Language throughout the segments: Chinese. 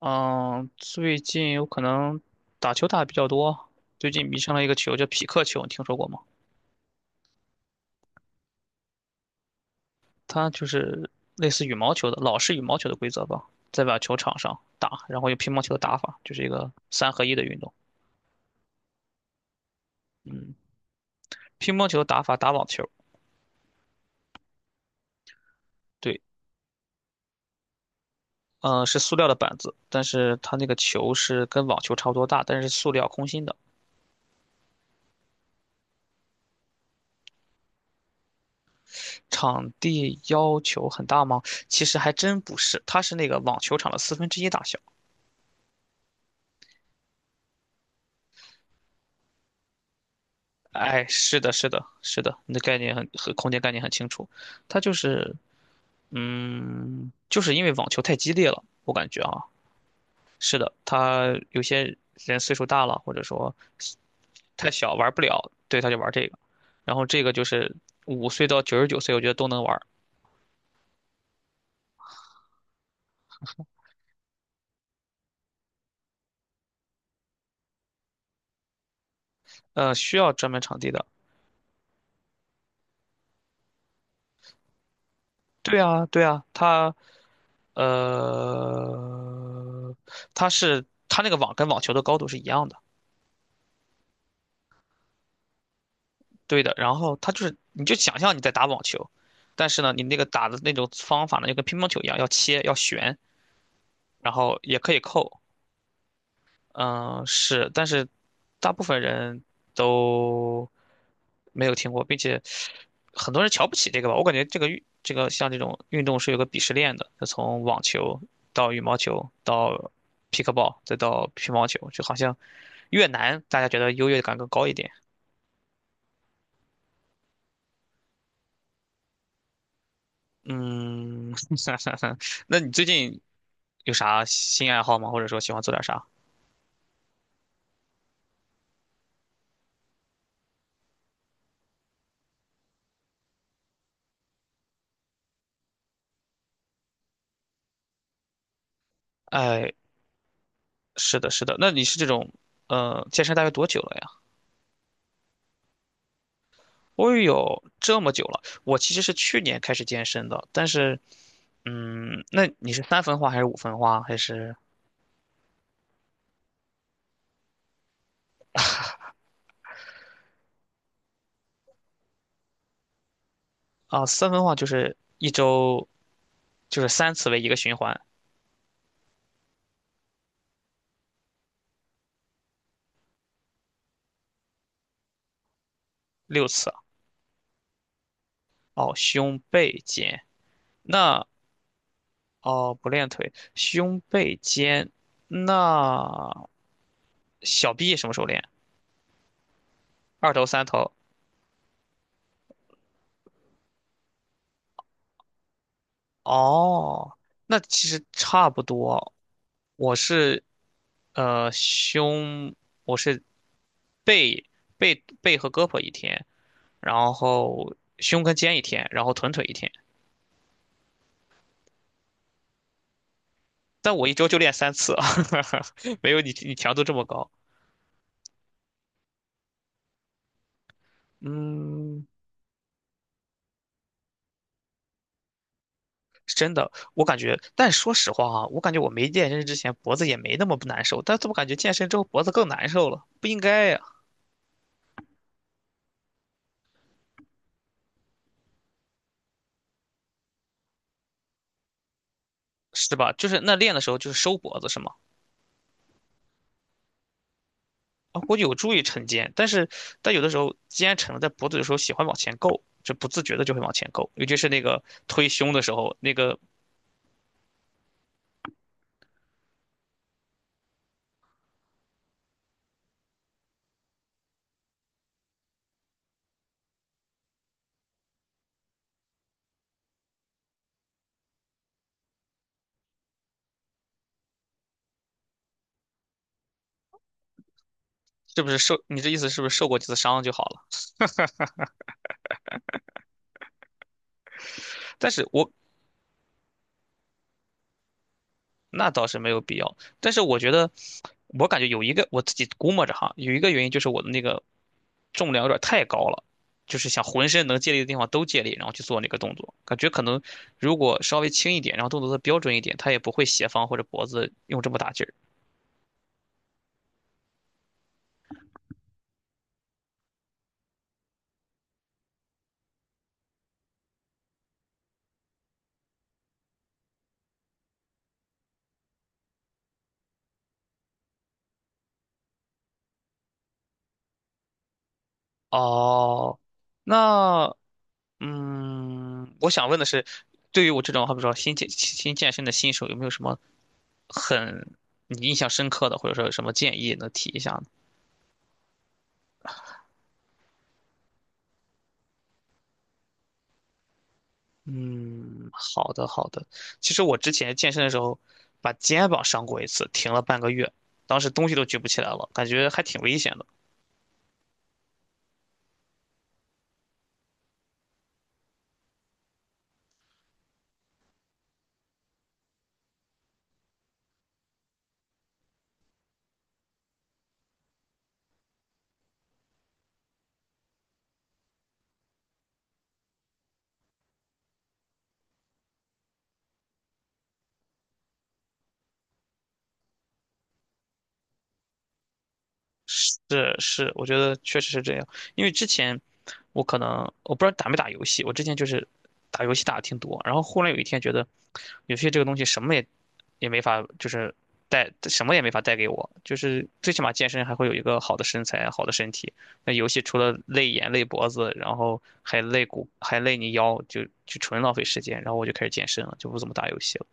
嗯，最近有可能打球打的比较多，最近迷上了一个球叫匹克球，你听说过吗？它就是类似羽毛球的老式羽毛球的规则吧，在把球场上打，然后用乒乓球的打法，就是一个三合一的运动。乒乓球打法打网球，对，嗯、是塑料的板子，但是它那个球是跟网球差不多大，但是是塑料空心的。场地要求很大吗？其实还真不是，它是那个网球场的四分之一大小。哎，是的，是的，是的，你的概念空间概念很清楚，它就是，嗯，就是因为网球太激烈了，我感觉啊，是的，他有些人岁数大了，或者说太小玩不了，对，他就玩这个，然后这个就是5岁到99岁，我觉得都能玩儿。需要专门场地的，对啊，对啊，呃，它是它那个网跟网球的高度是一样的，对的，然后它就是，你就想象你在打网球，但是呢，你那个打的那种方法呢，就跟乒乓球一样，要切，要旋，然后也可以扣。嗯，是，但是大部分人都没有听过，并且很多人瞧不起这个吧。我感觉这个运，这个像这种运动是有个鄙视链的，就从网球到羽毛球到 p i c k l b a l 再到乒乓球，就好像越难，大家觉得优越感更高一点。嗯，那你最近有啥新爱好吗？或者说喜欢做点啥？哎，是的，是的。那你是这种健身大约多久了呀？我有这么久了。我其实是去年开始健身的，但是嗯，那你是三分化还是五分化？还是啊，三分化就是一周就是三次为一个循环，六次啊。哦，胸背肩。那哦，不练腿，胸背肩。那小臂什么时候练？二头、三头。哦，那其实差不多。我是呃胸，我是背背和胳膊一天，然后胸跟肩一天，然后臀腿一天。但我一周就练三次，没有你强度这么高。嗯，是真的，我感觉，但说实话啊，我感觉我没健身之前脖子也没那么不难受，但怎么感觉健身之后脖子更难受了，不应该呀，是吧？就是那练的时候就是收脖子是吗？啊，估计有助于晨肩，但是有的时候肩沉了，在脖子的时候喜欢往前够，就不自觉的就会往前够，尤其是那个推胸的时候，那个是不是受？你这意思是不是受过几次伤就好了？但是我那倒是没有必要，但是我觉得，我感觉有一个我自己估摸着哈，有一个原因就是我的那个重量有点太高了，就是想浑身能借力的地方都借力，然后去做那个动作，感觉可能如果稍微轻一点，然后动作的标准一点，他也不会斜方或者脖子用这么大劲儿。哦，那我想问的是，对于我这种好比说新健身的新手，有没有什么很你印象深刻的，或者说有什么建议能提一下呢？嗯，好的好的。其实我之前健身的时候，把肩膀伤过一次，停了半个月，当时东西都举不起来了，感觉还挺危险的。是是，我觉得确实是这样。因为之前我可能我不知道打没打游戏，我之前就是打游戏打的挺多，然后忽然有一天觉得游戏这个东西什么也没法，就是带什么也没法带给我，就是最起码健身还会有一个好的身材、好的身体。那游戏除了累眼、累脖子，然后还累骨、还累你腰，就纯浪费时间。然后我就开始健身了，就不怎么打游戏了。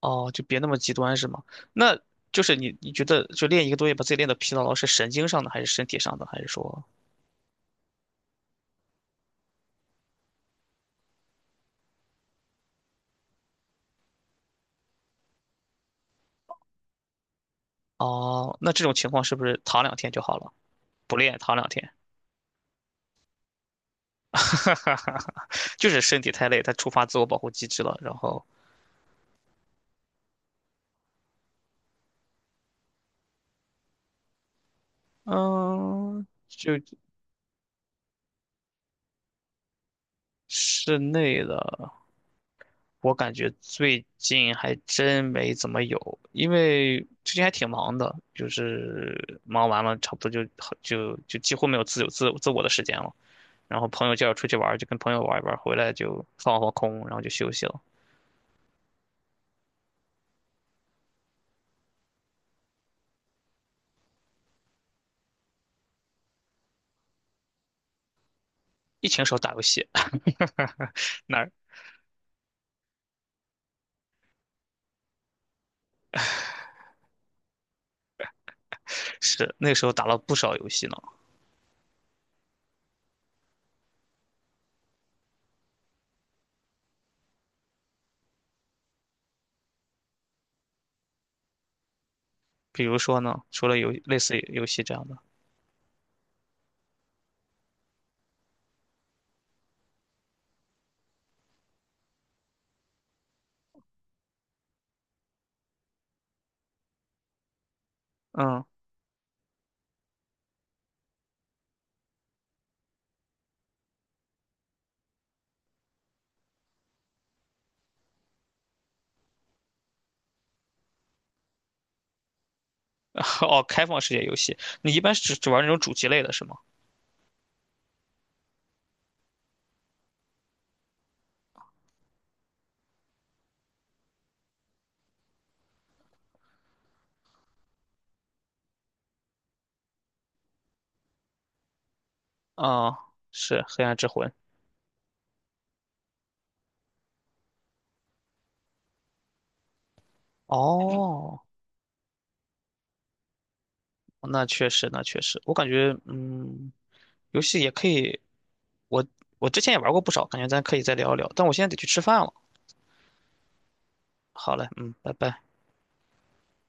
哦，就别那么极端是吗？那就是你觉得就练一个多月把自己练得疲劳了，是神经上的还是身体上的？还是说，哦，那这种情况是不是躺两天就好了？不练躺两天，就是身体太累，它触发自我保护机制了。然后，嗯，就室内的，我感觉最近还真没怎么有，因为最近还挺忙的，就是忙完了差不多就几乎没有自由自自我的时间了。然后朋友叫我出去玩儿，就跟朋友玩一玩儿，回来就放空，然后就休息了。疫情时候打游戏，那是那时候打了不少游戏呢。比如说呢，除了类似游戏这样的，嗯，哦，开放世界游戏，你一般是只玩那种主机类的是吗？啊、是《黑暗之魂》。哦，那确实，那确实，我感觉，游戏也可以，我我之前也玩过不少，感觉咱可以再聊一聊，但我现在得去吃饭了。好嘞，嗯，拜拜。